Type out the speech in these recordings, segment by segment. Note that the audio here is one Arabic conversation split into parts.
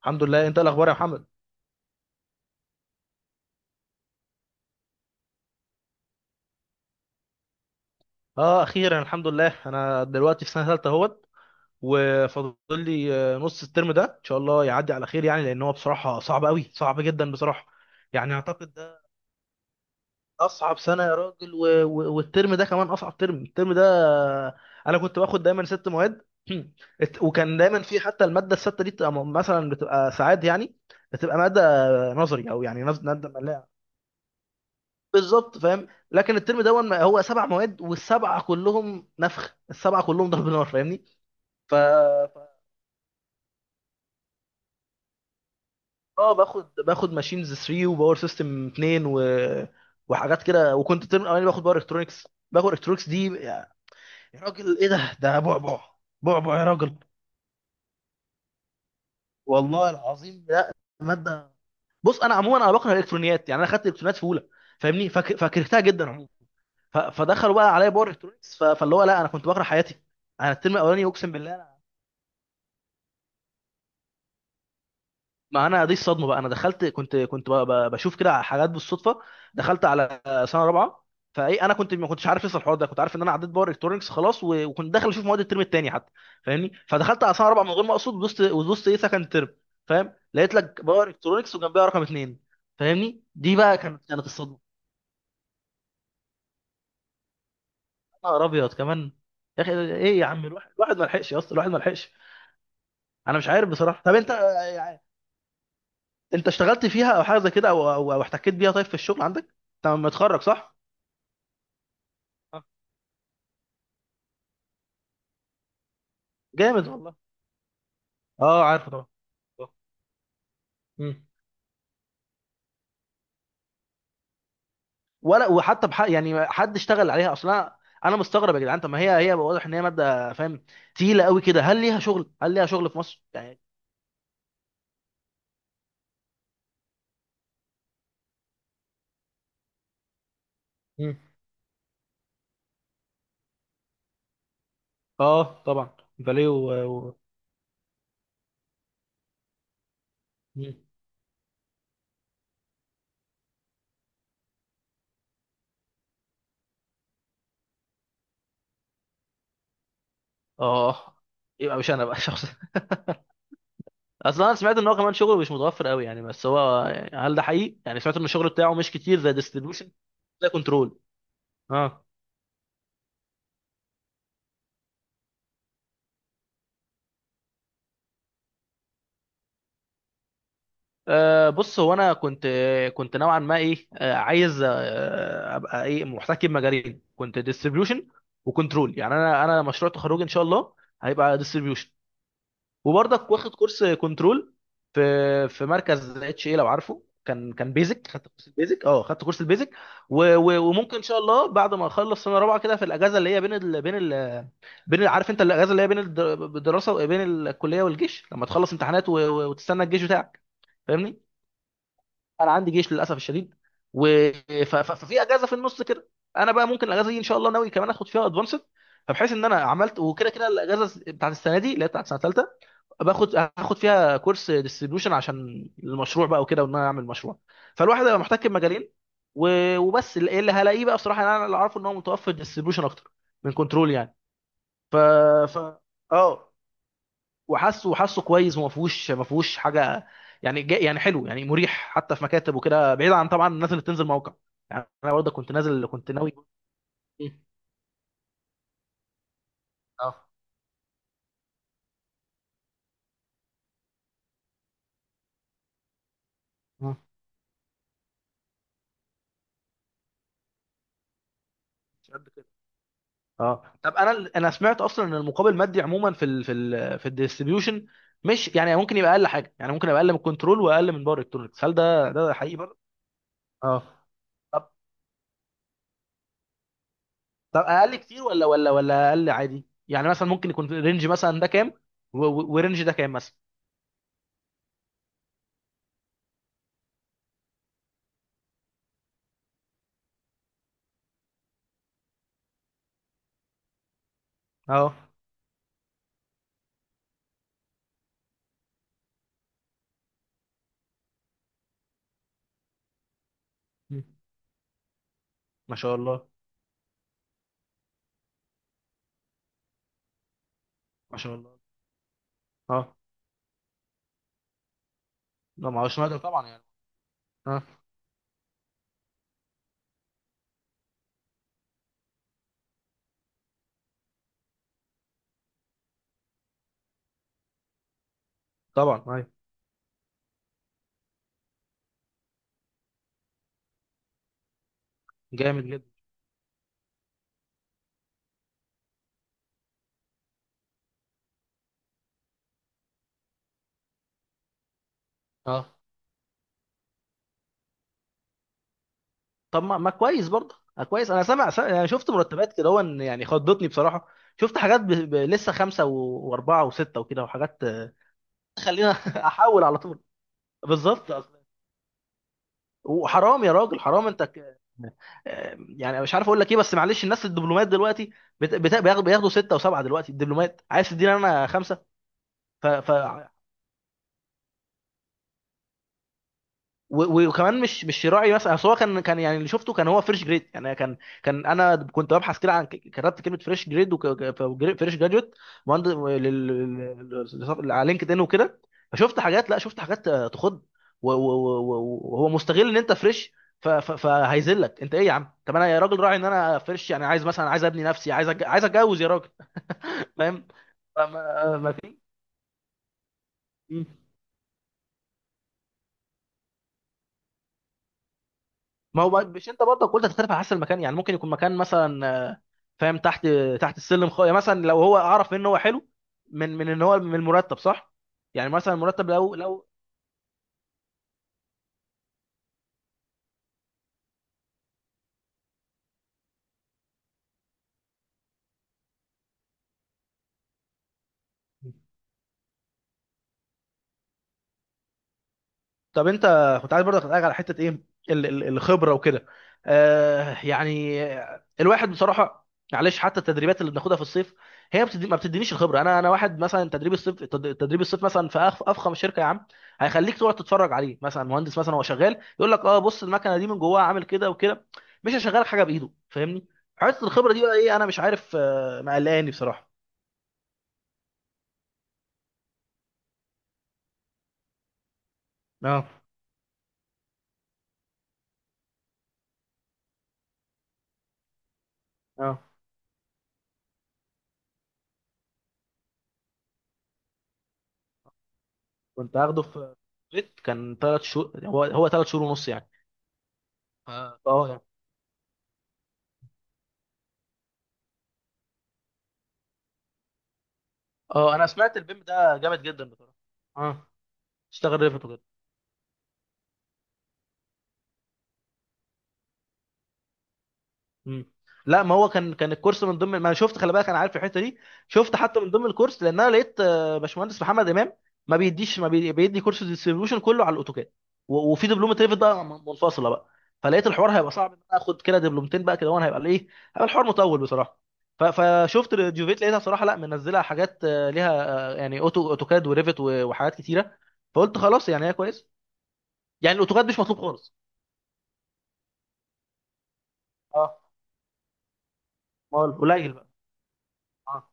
الحمد لله. انت إيه الاخبار يا محمد؟ اه اخيرا الحمد لله. انا دلوقتي في سنه ثالثه اهوت، وفاضل لي نص الترم ده ان شاء الله يعدي على خير يعني، لان هو بصراحه صعب قوي، صعب جدا بصراحه. يعني اعتقد ده اصعب سنه يا راجل، و... و... والترم ده كمان اصعب ترم، الترم ده. آه، انا كنت باخد دايما ست مواد. وكان دايما في حتى الماده السته دي بتبقى، مثلا بتبقى ساعات يعني، بتبقى ماده نظري، او يعني ماده. بالظبط، فاهم. لكن الترم ده هو سبع مواد، والسبعه كلهم نفخ، السبعه كلهم ضرب نار، فاهمني؟ ف ف- اه باخد، ماشينز 3 وباور سيستم 2 وحاجات كده، وكنت الترم الاولاني باخد باور الكترونكس. باخد الكترونكس دي، يا راجل، ايه ده؟ ده بعبع، بعبع يا راجل. والله العظيم لا. ماده، بص، انا عموما انا بكره الالكترونيات، يعني انا خدت الالكترونيات في اولى، فاهمني؟ فكرهتها جدا عموما. فدخلوا بقى عليا باور الكترونكس، فاللي هو لا، انا كنت بكره حياتي. انا الترم الاولاني اقسم بالله. ما انا دي الصدمه بقى، انا دخلت، بشوف كده على حاجات بالصدفه، دخلت على سنه رابعه. فايه، انا كنت ما كنتش عارف لسه الحوار ده، كنت عارف ان انا عديت باور الكترونكس خلاص، وكنت داخل اشوف مواد الترم الثاني حتى، فاهمني؟ فدخلت على سنه رابعه من غير ما اقصد، ودوست ايه، سكند ترم. فاهم؟ لقيت لك باور الكترونكس وجنبها رقم اثنين. فاهمني؟ دي بقى كانت، الصدمه. يا نهار ابيض، كمان. يا اخي ايه يا عم، الواحد ما لحقش يا اسطى، الواحد ما لحقش. انا مش عارف بصراحه. طب انت يعني، انت اشتغلت فيها او حاجه زي كده، او أو احتكيت بيها طيب في الشغل عندك؟ انت لما تخرج، صح؟ آه، جامد والله. اه عارفه طبعا. آه. مم. ولا يعني حد اشتغل عليها اصلا؟ انا أنا مستغرب يا جدعان. طب ما هي، هي واضح ان هي ماده، فاهم، تقيله قوي كده. هل ليها شغل؟ هل ليها شغل في مصر يعني؟ مم. اه طبعا. فاليه و... و... مم. اه. يبقى مش انا بقى شخص. اصلا انا سمعت ان هو كمان شغله مش متوفر قوي يعني، بس هو يعني، هل ده حقيقي يعني؟ سمعت ان الشغل بتاعه مش كتير زي ديستريبيوشن، زي كنترول. اه. بص، هو انا كنت، كنت نوعا ما ايه أه عايز ابقى ايه، محتكي بمجالين، كنت ديستريبيوشن وكنترول يعني. انا مشروع تخرجي ان شاء الله هيبقى ديستريبيوشن، وبرضك واخد كورس كنترول في، في مركز اتش اي لو عارفه، كان بيزك، خدت كورس البيزك، اه خدت كورس البيزك. وممكن ان شاء الله بعد ما اخلص سنه رابعه كده، في الاجازه اللي هي بين ال بين ال بين عارف انت الاجازه اللي هي بين الدراسه، بين الكليه والجيش، لما تخلص امتحانات وتستنى الجيش بتاعك، فاهمني؟ انا عندي جيش للاسف الشديد. و... ف... ف... ففي اجازه في النص كده، انا بقى ممكن الاجازه دي ان شاء الله ناوي كمان اخد فيها ادفانسد، فبحيث ان انا عملت، وكده كده الاجازه بتاعت السنه دي اللي هي بتاعت سنه ثالثه هاخد فيها كورس ديستريبيوشن عشان المشروع بقى وكده، وان انا اعمل مشروع. فالواحد هيبقى محتاج مجالين. و... وبس، اللي هلاقيه بقى بصراحه. يعني انا اللي عارفه ان هو متوفر ديستريبيوشن اكتر من كنترول يعني. ف ف اه وحاسه، كويس، وما فيهوش ما فيهوش حاجه يعني، جا يعني حلو، يعني مريح حتى، في مكاتب وكده، بعيد عن طبعا الناس اللي بتنزل موقع. يعني انا برضه كنت نازل، كنت ناوي. مم. اه. آه. مش قد كده. اه. طب انا، انا سمعت اصلا ان المقابل المادي عموما في ال في ال في الديستريبيوشن مش يعني، ممكن يبقى اقل حاجه يعني، ممكن يبقى اقل من كنترول واقل من باور الكترونكس. هل ده، ده حقيقي برضه؟ اه. طب اقل كتير ولا ولا اقل عادي يعني؟ مثلا ممكن يكون رينج مثلا ده كام، ورينج ده كام مثلا؟ اه. ما شاء الله. ما شاء الله. اه. لا ما هو شنايدر طبعا يعني. اه طبعا. ايوه، جامد جدا. اه. طب ما، ما كويس برضه، ما كويس. انا سامع، يعني شفت مرتبات كده، هو ان يعني خضتني بصراحه. شفت حاجات لسه خمسه واربعه وسته وكده، وحاجات تخلينا احول على طول. بالظبط اصلا. وحرام يا راجل، حرام، انت ك... آه، يعني مش عارف اقول لك ايه، بس معلش الناس الدبلومات دلوقتي بت... بت... بياخدوا بياخدوا سته وسبعه دلوقتي الدبلومات، عايز تديني انا خمسه؟ ف... ف... وكمان مش، مش راعي مثلا. اصل هو كان، يعني اللي شفته كان هو فريش جريد يعني، كان انا كنت ببحث كده عن، كتبت كلمه فريش جريد وفريش جراجويت مهندس على لينكد ان وكده، فشفت حاجات، لا شفت حاجات تخض. وهو مستغل ان انت فريش، فهيذلك انت ايه يا عم؟ طب انا يا راجل، راعي ان انا فريش يعني، عايز مثلا، عايز ابني نفسي، عايز عايز اتجوز يا راجل، فاهم؟ فما- ما في ما هو مش انت برضه قلت هتختلف على حسب المكان يعني؟ ممكن يكون مكان مثلا فاهم، تحت، تحت السلم. يعني مثلا لو هو اعرف ان هو حلو من، من ان هو من المرتب صح يعني. مثلا المرتب لو. طب انت كنت عايز برضه اسالك على حته ايه، الخبره وكده، يعني الواحد بصراحه، معلش، حتى التدريبات اللي بناخدها في الصيف، هي بتدي، ما بتدينيش الخبره. انا، انا واحد مثلا تدريب الصيف، تدريب الصيف مثلا في افخم شركه يا عم، هيخليك تقعد تتفرج عليه مثلا. مهندس مثلا هو شغال، يقول لك اه بص المكنه دي من جواها عامل كده وكده، مش هيشغلك حاجه بايده، فاهمني؟ حته الخبره دي بقى ايه؟ انا مش عارف، مقلقاني بصراحه. اه. اه. كنت هاخده في بيت، كان ثلاث شهور، هو ثلاث شهور ونص يعني. اه. اه، انا سمعت البيم ده جامد جدا بصراحه. اه، اشتغل ريفت وكده. مم. لا ما هو كان، كان الكورس من ضمن ما انا شفت، خلي بالك انا عارف الحته دي. شفت حتى من ضمن الكورس، لان انا لقيت باشمهندس محمد امام، ما بيديش ما بي... بيدي كورس ديستريبيوشن كله على الاوتوكاد، وفي دبلومه ريفت بقى منفصله بقى. فلقيت الحوار هيبقى صعب ان انا اخد كده دبلومتين بقى كده، وانا هيبقى ايه، هيبقى الحوار مطول بصراحه. فشفت الجوفيت، لقيتها صراحه، لا منزلها حاجات ليها، يعني اوتوكاد وريفت وحاجات كتيره. فقلت خلاص يعني، هي كويس يعني، الاوتوكاد مش مطلوب خالص. اه. ما هو قليل بقى. اه.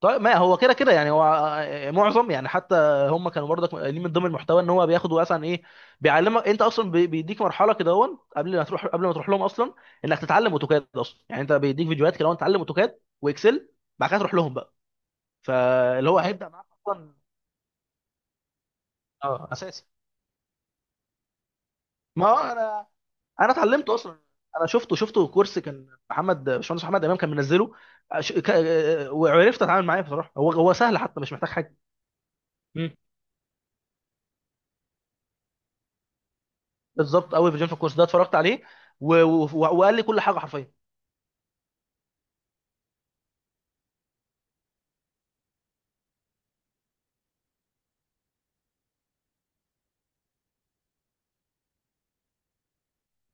طيب ما هو كده كده يعني هو معظم يعني حتى هم كانوا برضك قايلين من ضمن المحتوى ان هو بياخد مثلا ايه، بيعلمك انت اصلا، بيديك مرحله كده هون قبل ما تروح، قبل ما تروح لهم اصلا، انك تتعلم اوتوكاد اصلا يعني. انت بيديك فيديوهات كده هون تتعلم اوتوكاد واكسل، بعد كده تروح لهم بقى، فاللي هو هيبدا معاك اصلا. اه، اساسي. ما هو انا اتعلمته اصلا، انا شفته، كورس كان محمد، باشمهندس محمد امام، كان منزله، وعرفت اتعامل معاه بصراحه. هو سهل حتى، مش محتاج حاجه. مم. بالظبط قوي فيجن في الكورس ده اتفرجت عليه، وقال لي كل حاجه حرفيا.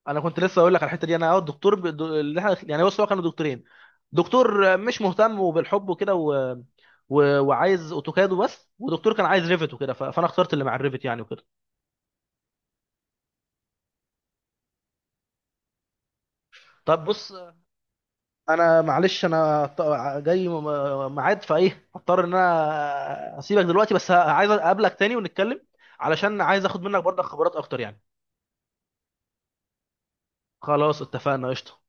انا كنت لسه اقول لك على الحته دي انا، اه الدكتور، اللي احنا يعني بص، هو كانوا دكتورين، دكتور مش مهتم، وبالحب وكده وعايز اوتوكاد وبس، ودكتور كان عايز ريفت وكده، فانا اخترت اللي مع الريفت يعني وكده. طب بص، انا معلش انا جاي ميعاد فايه، هضطر ان انا اسيبك دلوقتي، بس عايز اقابلك تاني ونتكلم، علشان عايز اخد منك برضه خبرات اكتر يعني. خلاص، اتفقنا، قشطه.